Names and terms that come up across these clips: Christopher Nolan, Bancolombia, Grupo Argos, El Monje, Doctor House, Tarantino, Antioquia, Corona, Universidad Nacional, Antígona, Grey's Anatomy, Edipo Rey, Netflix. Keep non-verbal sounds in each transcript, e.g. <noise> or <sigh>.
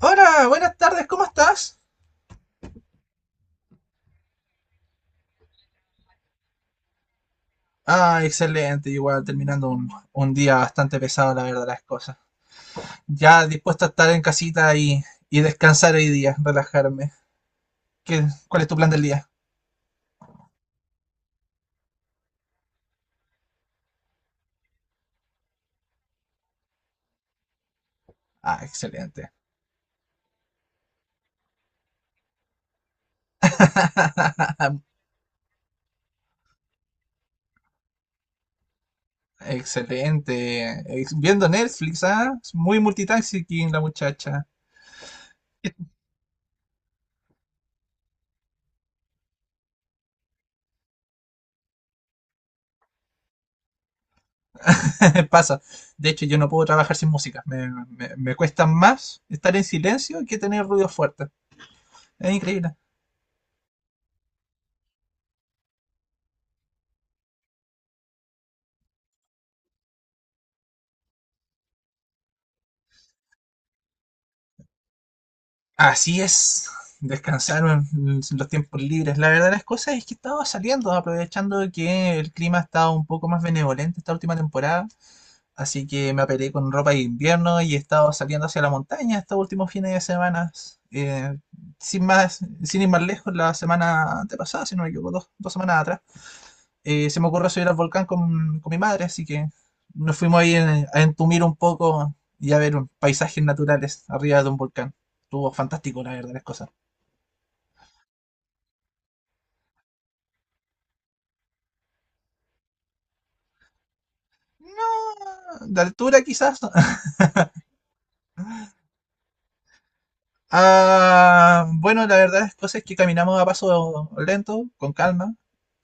Hola, buenas tardes, ¿cómo estás? Ah, excelente, igual terminando un día bastante pesado, la verdad, las cosas. Ya dispuesto a estar en casita y descansar hoy día, relajarme. ¿Qué, Cuál es tu plan del día? Ah, excelente. <laughs> Excelente. Viendo Netflix, ¿ah? Es muy multitasking la muchacha. <laughs> Pasa. De hecho, yo no puedo trabajar sin música. Me cuesta más estar en silencio que tener ruido fuerte. Es increíble. Así es, descansaron los tiempos libres. La verdad de las cosas es que estaba saliendo, aprovechando que el clima estaba un poco más benevolente esta última temporada. Así que me aperé con ropa de invierno y he estado saliendo hacia la montaña estos últimos fines de semana. Eh, Sin más, sin ir más lejos, la semana antepasada, si no me equivoco, dos semanas atrás, se me ocurrió subir al volcán con mi madre, así que nos fuimos ahí a entumir un poco y a ver paisajes naturales arriba de un volcán. Estuvo fantástico, la verdad, las cosas. No, de altura quizás. <laughs> Ah, bueno, la verdad es cosas que caminamos a paso lento, con calma,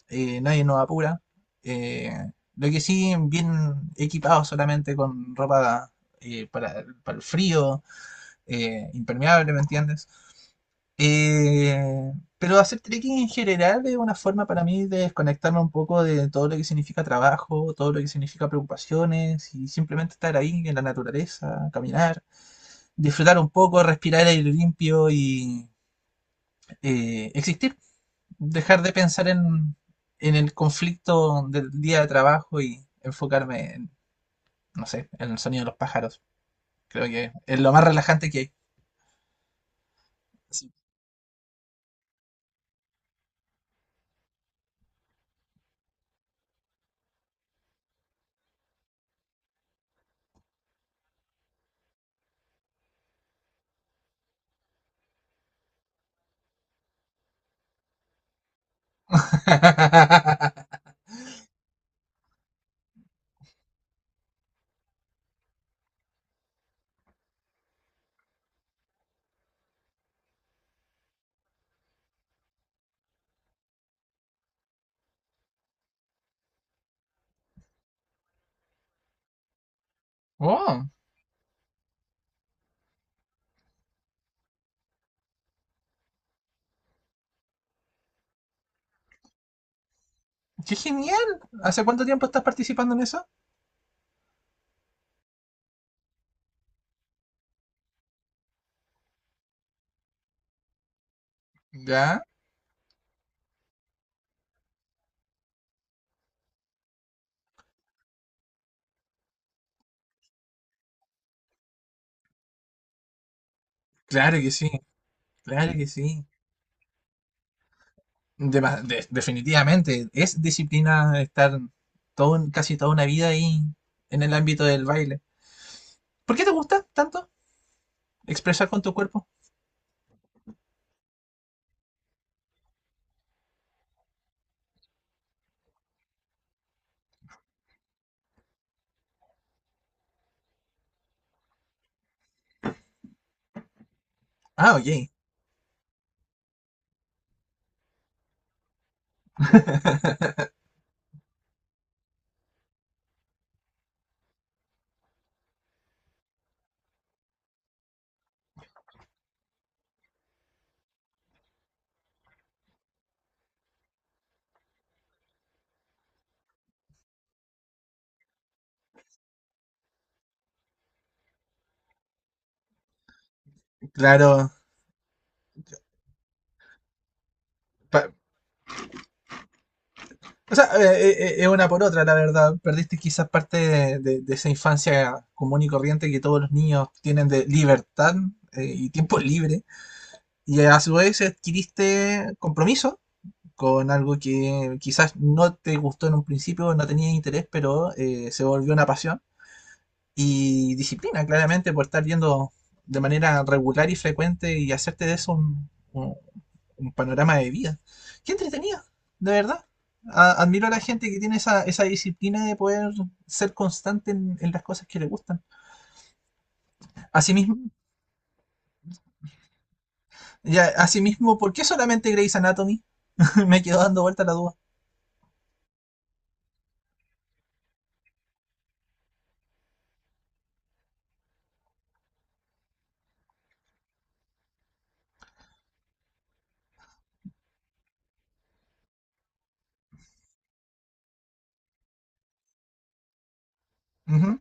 nadie nos apura. Eh, lo que sí, bien equipados solamente con ropa para el frío, impermeable, ¿me entiendes? Eh, pero hacer trekking en general es una forma para mí de desconectarme un poco de todo lo que significa trabajo, todo lo que significa preocupaciones y simplemente estar ahí en la naturaleza, caminar, disfrutar un poco, respirar aire limpio y existir. Dejar de pensar en el conflicto del día de trabajo y enfocarme en, no sé, en el sonido de los pájaros. Creo que es lo más relajante que hay. Sí. <laughs> Oh. ¡Qué genial! ¿Hace cuánto tiempo estás participando en eso? Ya, claro que sí, claro que sí. Definitivamente, es disciplina estar todo, casi toda una vida ahí en el ámbito del baile. ¿Por qué te gusta tanto expresar con tu cuerpo? Ah, ok, claro. Pa- o sea, es una por otra, la verdad. Perdiste quizás parte de, de esa infancia común y corriente que todos los niños tienen de libertad y tiempo libre. Y a su vez adquiriste compromiso con algo que quizás no te gustó en un principio, no tenías interés, pero se volvió una pasión. Y disciplina, claramente, por estar yendo de manera regular y frecuente y hacerte de eso un panorama de vida. Qué entretenida, de verdad. Admiro a la gente que tiene esa, esa disciplina de poder ser constante en las cosas que le gustan. Asimismo, ya, asimismo, ¿por qué solamente Grey's Anatomy? <laughs> Me quedó dando vuelta la duda. Ujú.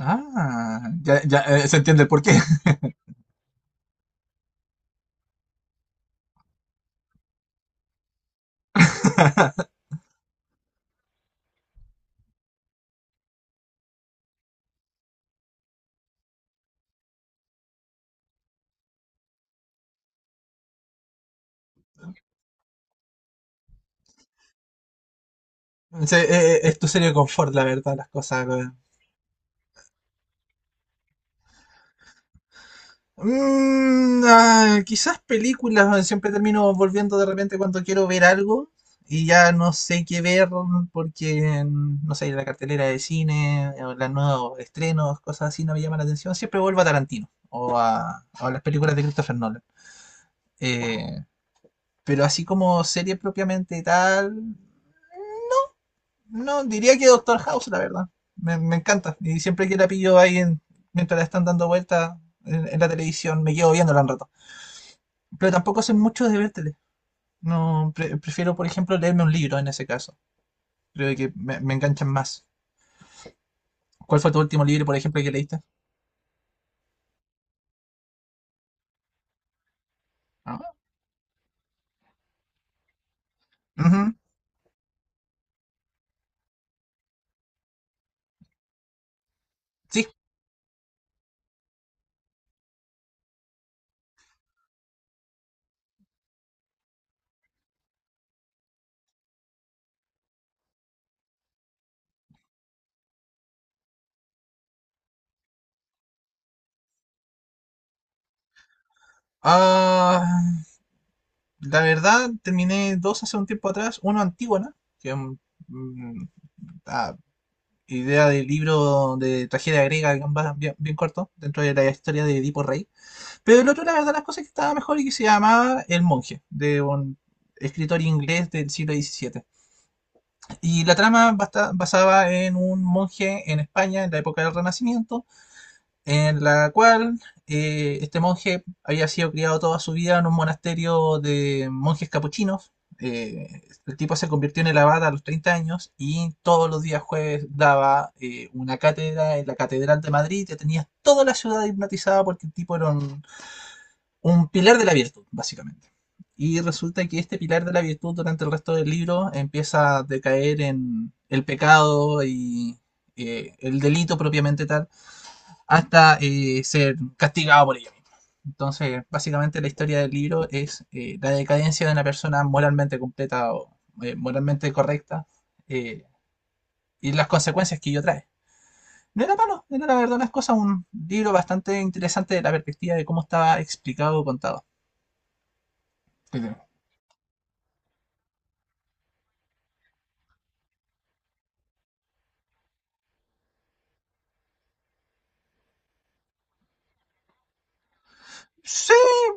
Ah, ya, ya, se entiende el porqué. <laughs> Sí, es tu serie de confort, la verdad, las cosas. Weón. Mm, ah, quizás películas, weón, siempre termino volviendo de repente cuando quiero ver algo y ya no sé qué ver porque, mm, no sé, la cartelera de cine, o los nuevos estrenos, cosas así no me llaman la atención. Siempre vuelvo a Tarantino o a las películas de Christopher Nolan. Eh, pero así como serie propiamente tal, no, diría que Doctor House, la verdad. Me encanta. Y siempre que la pillo ahí mientras la están dando vuelta en la televisión, me quedo viéndola un rato. Pero tampoco sé mucho de ver tele. No, prefiero, por ejemplo, leerme un libro en ese caso. Creo que me enganchan más. ¿Cuál fue tu último libro, por ejemplo, que leíste? Ah, ujú, sí. Ah, la verdad, terminé dos hace un tiempo atrás. Uno Antígona, que mm, ah, idea del libro de tragedia griega, que va bien, bien corto, dentro de la historia de Edipo Rey. Pero el otro, la verdad, las cosas que estaba mejor y que se llamaba El Monje, de un escritor inglés del siglo XVII. Y la trama basaba en un monje en España en la época del Renacimiento, en la cual este monje había sido criado toda su vida en un monasterio de monjes capuchinos. Eh, el tipo se convirtió en el abad a los 30 años y todos los días jueves daba una cátedra en la Catedral de Madrid que tenía toda la ciudad hipnotizada porque el tipo era un pilar de la virtud, básicamente. Y resulta que este pilar de la virtud durante el resto del libro empieza a decaer en el pecado y el delito propiamente tal hasta ser castigado por ella misma. Entonces, básicamente la historia del libro es la decadencia de una persona moralmente completa o moralmente correcta eh, y las consecuencias que ello trae. No era malo, era la verdad las cosas un libro bastante interesante de la perspectiva de cómo estaba explicado o contado. Sí,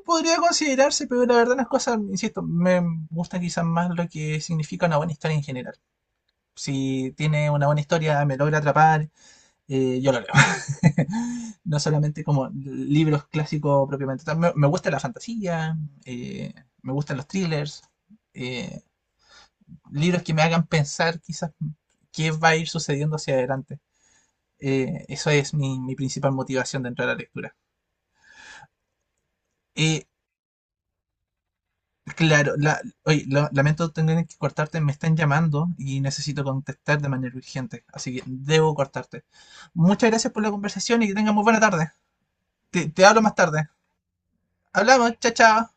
podría considerarse, pero la verdad las cosas, insisto, me gusta quizás más lo que significa una buena historia en general. Si tiene una buena historia, me logra atrapar yo lo leo. <laughs> No solamente como libros clásicos propiamente tal. Me gusta la fantasía, eh, me gustan los thrillers, eh, libros que me hagan pensar quizás qué va a ir sucediendo hacia adelante. Eso es mi principal motivación dentro de la lectura. Eh, claro, la, oye, lamento tener que cortarte, me están llamando y necesito contestar de manera urgente, así que debo cortarte. Muchas gracias por la conversación y que tengas muy buena tarde. Te hablo más tarde. Hablamos, chao, chao.